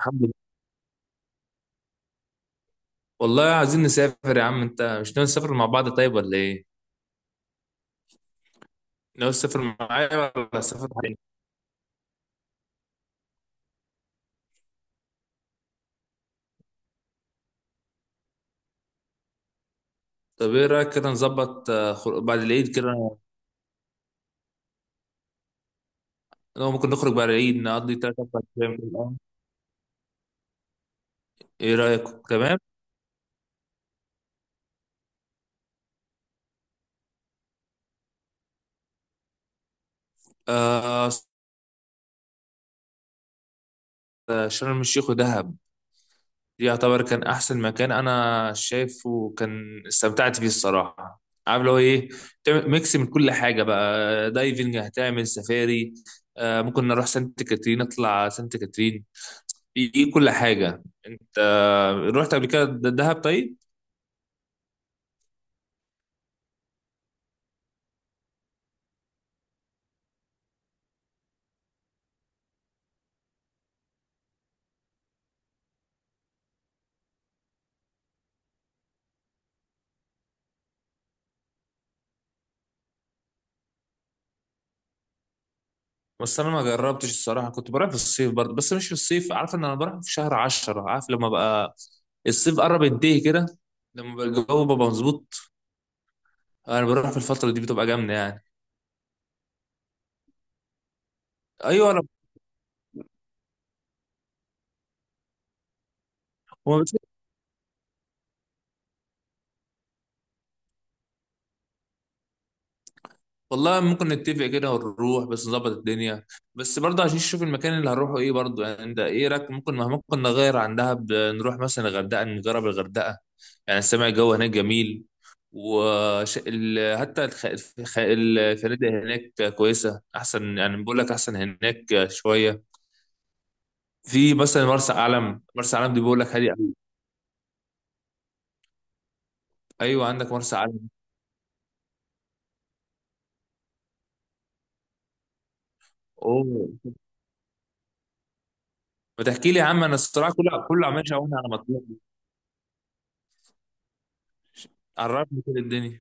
الحمد لله. والله عايزين نسافر يا عم، انت مش ناوي تسافر مع بعض طيب ولا ايه؟ ناوي تسافر معايا ولا تسافر حاجة؟ طب ايه رايك كده نظبط، بعد العيد كده. لو ممكن نخرج بعد العيد نقضي تلات اربع ايام في الأول. ايه رايك تمام؟ آه. شرم الشيخ ودهب، دي يعتبر كان احسن مكان انا شايفه، كان استمتعت فيه الصراحه. عارف اللي هو ايه؟ تعمل ميكس من كل حاجه، بقى دايفنج، هتعمل سفاري. ممكن نروح سانت كاترين، نطلع سانت كاترين، في كل حاجة انت. رحت قبل كده دهب؟ طيب. بس انا ما جربتش الصراحة، كنت بروح في الصيف برضه، بس مش في الصيف، عارف ان انا بروح في شهر 10، عارف لما بقى الصيف قرب ينتهي كده، لما بقى الجو بقى مظبوط انا بروح في الفترة دي، بتبقى جامدة يعني. ايوه. انا والله ممكن نتفق كده ونروح، بس نظبط الدنيا، بس برضه عشان نشوف المكان اللي هنروحه ايه برضه، يعني انت ايه رايك؟ ممكن نغير عن دهب، نروح مثلا الغردقه، نجرب الغردقه، يعني سامع الجو هناك جميل. حتى الفنادق هناك كويسه احسن، يعني بقول لك احسن هناك شويه. في مثلا مرسى علم، مرسى علم دي بقول لك هادي أوي. ايوه عندك مرسى علم. اوه. ما تحكي لي يا عم، انا الصراحه كله كله عمال شاورني على مطروح، عرفني كده الدنيا.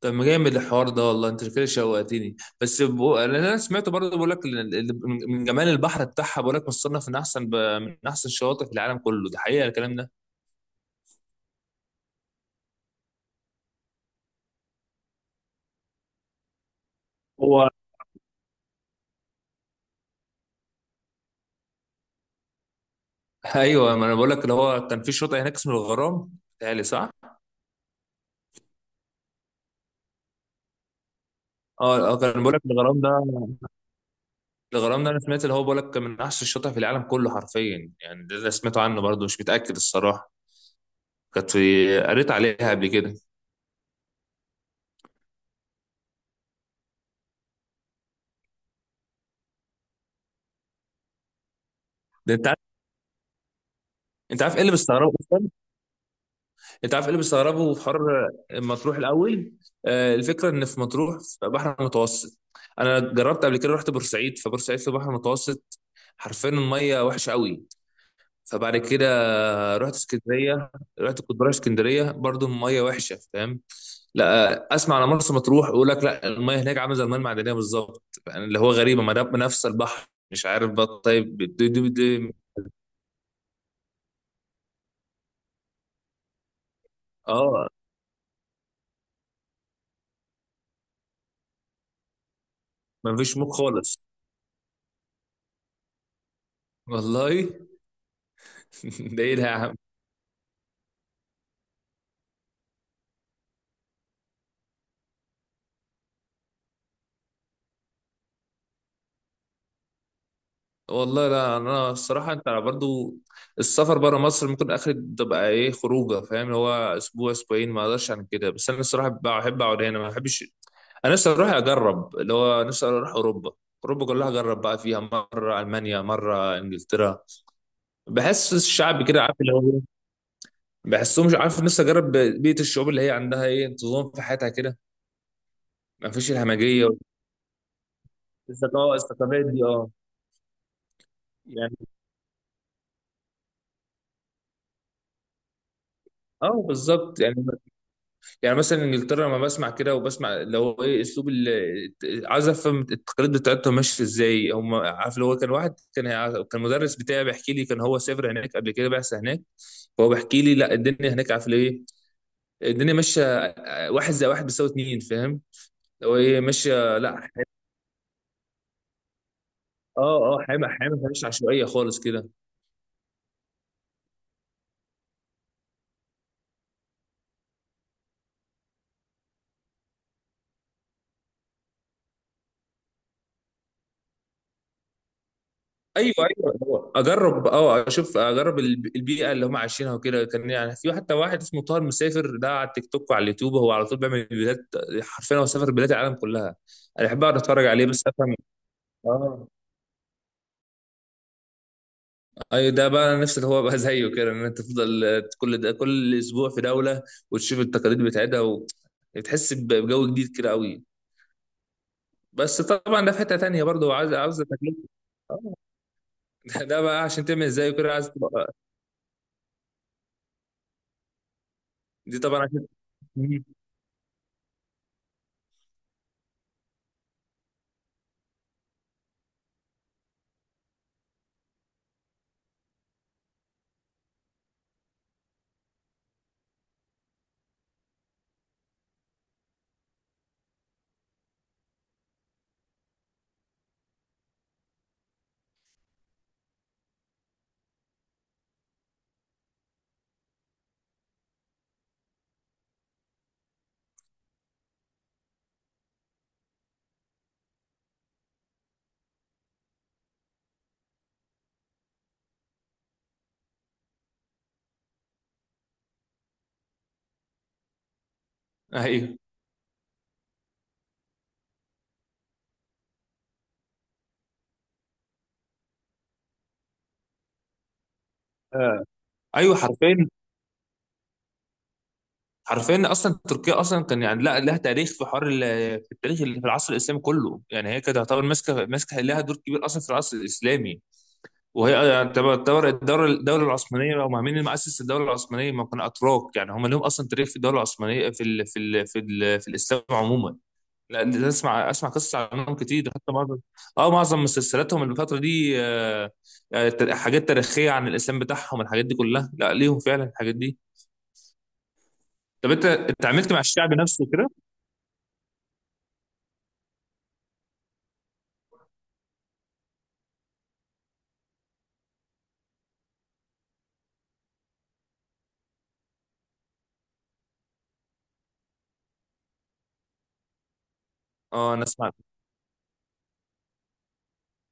طب ما جامد الحوار ده والله، انت كده شوقتني، بس لان انا سمعت برضه بقول لك، من جمال البحر بتاعها بقول لك مصنف من احسن، من احسن الشواطئ في العالم كله، ده حقيقه الكلام ده. هو ايوه، ما انا بقول لك اللي هو كان في شاطئ هناك اسمه الغرام، بتهيألي صح؟ اه اه، كان بقول لك الغرام ده، الغرام ده انا سمعت اللي هو بقول لك كان من احسن الشاطئ في العالم كله حرفيا، يعني ده اللي سمعته عنه برضه، مش متاكد الصراحه. كانت في... قريت عليها قبل كده. ده انت عارف، انت عارف ايه اللي مستغربه، انت عارف ايه اللي بيستغربه في حر مطروح الاول؟ الفكره ان في مطروح في بحر متوسط. انا جربت قبل كده، رحت بورسعيد، فبورسعيد في بحر متوسط، حرفيا الميه وحشه قوي. فبعد كده رحت اسكندريه. كنت بروح اسكندريه برضو، الميه وحشه فاهم. لا اسمع، على مرسى مطروح، يقول لك لا الميه هناك عامله زي الميه المعدنيه بالظبط، يعني اللي هو غريبه، ما ده نفس البحر مش عارف بقى، طيب دي. اه. ما فيش موج خالص، والله. ده ايه ده يا عم؟ والله لا، انا الصراحه انت برضو، السفر بره مصر ممكن اخر، تبقى ايه خروجه، فاهم اللي هو، اسبوع اسبوعين ما اقدرش عن كده، بس انا الصراحه بحب اقعد هنا، ما بحبش. انا نفسي اروح اجرب اللي هو، نفسي اروح اوروبا، اوروبا كلها اجرب بقى فيها، مره المانيا مره انجلترا، بحس الشعب كده، عارف اللي هو إيه؟ بحسهم مش عارف، نفسي اجرب بيئه الشعوب اللي هي عندها ايه انتظام في حياتها كده. ما فيش الهمجيه والثقافه، الثقافات دي. اه يعني، اه بالظبط يعني. يعني مثلا انجلترا، لما بسمع كده وبسمع اللي هو ايه اسلوب عايز افهم التقاليد بتاعتهم ماشيه ازاي هم، عارف اللي هو، كان واحد كان كان المدرس بتاعي بيحكي لي، كان هو سافر هناك قبل كده، بعثه هناك، فهو بيحكي لي لا الدنيا هناك عارف ايه، الدنيا ماشيه، واحد زي واحد بيساوي اتنين فاهم، اللي هو ايه ماشيه، لا اه اه، حامي حامي، مش عشوائيه خالص كده. ايوه ايوه، هو اجرب اه اشوف، اجرب البيئه اللي هم عايشينها وكده، كان يعني في حتى واحد اسمه طاهر مسافر، ده على التيك توك وعلى اليوتيوب، هو على طول بيعمل فيديوهات، حرفيا هو سافر بلاد العالم كلها، انا بحب اقعد اتفرج عليه بس افهم. اه. ايوه، ده بقى انا نفسي اللي هو، بقى زيه كده، ان انت تفضل كل ده، كل اسبوع في دوله، وتشوف التقاليد بتاعتها، بتحس بجو جديد كده قوي. بس طبعا ده في حته تانيه برضه، عاوز تكلفه. آه. ده بقى عشان تعمل زيه كده عايز دي طبعا عشان. ايوه ايوه حرفيا، حرفيا اصلا تركيا اصلا كان يعني، لا لها تاريخ في حوار، في التاريخ اللي في العصر الاسلامي كله، يعني هي كانت تعتبر ماسكه، ماسكه لها دور كبير اصلا في العصر الاسلامي. وهي يعني تعتبر الدوله العثمانيه، هم مين اللي مؤسس الدوله العثمانيه؟ ما كانوا اتراك يعني، هم لهم اصلا تاريخ في الدوله العثمانيه، في الاسلام عموما. لا ده اسمع اسمع قصص عنهم كتير، حتى معظم، اه معظم مسلسلاتهم الفتره دي، حاجات تاريخيه عن الاسلام بتاعهم، الحاجات دي كلها لا ليهم فعلا الحاجات دي. طب انت عملت مع الشعب نفسه كده؟ اه انا سمعت.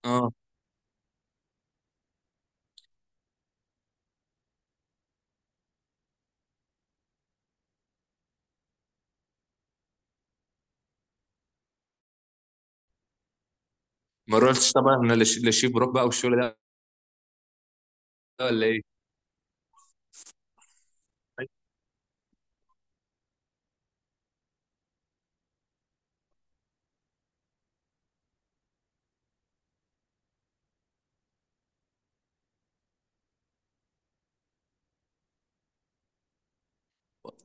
اه ما روحتش طبعا من للشيف بروك بقى، والشغل ده ولا ايه؟ ايوه.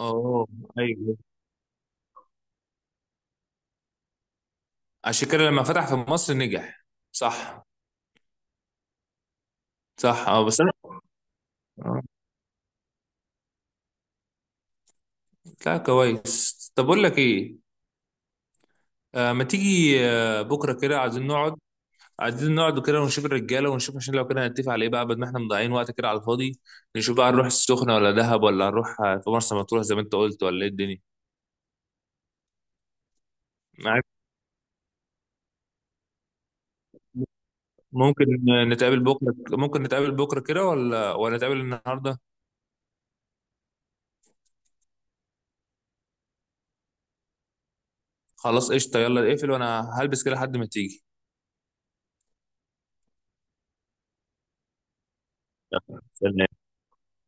اه. ايوه، عشان كده لما فتح في مصر نجح. صح. صح، اه بس انا، اه، لا كويس. طب اقول لك ايه؟ ما تيجي بكره كده، عايزين نقعد، عايزين نقعد كده ونشوف الرجاله، ونشوف عشان لو كده هنتفق على ايه بقى، بدل ما احنا مضيعين وقت كده على الفاضي، نشوف بقى هنروح السخنه ولا دهب، ولا هنروح في مرسى مطروح زي ما انت قلت، ولا ايه الدنيا؟ معاك. ممكن ممكن نتقابل بكره كده، ولا نتقابل النهارده؟ خلاص قشطه، يلا اقفل وانا هلبس كده لحد ما تيجي. يلا. سلام.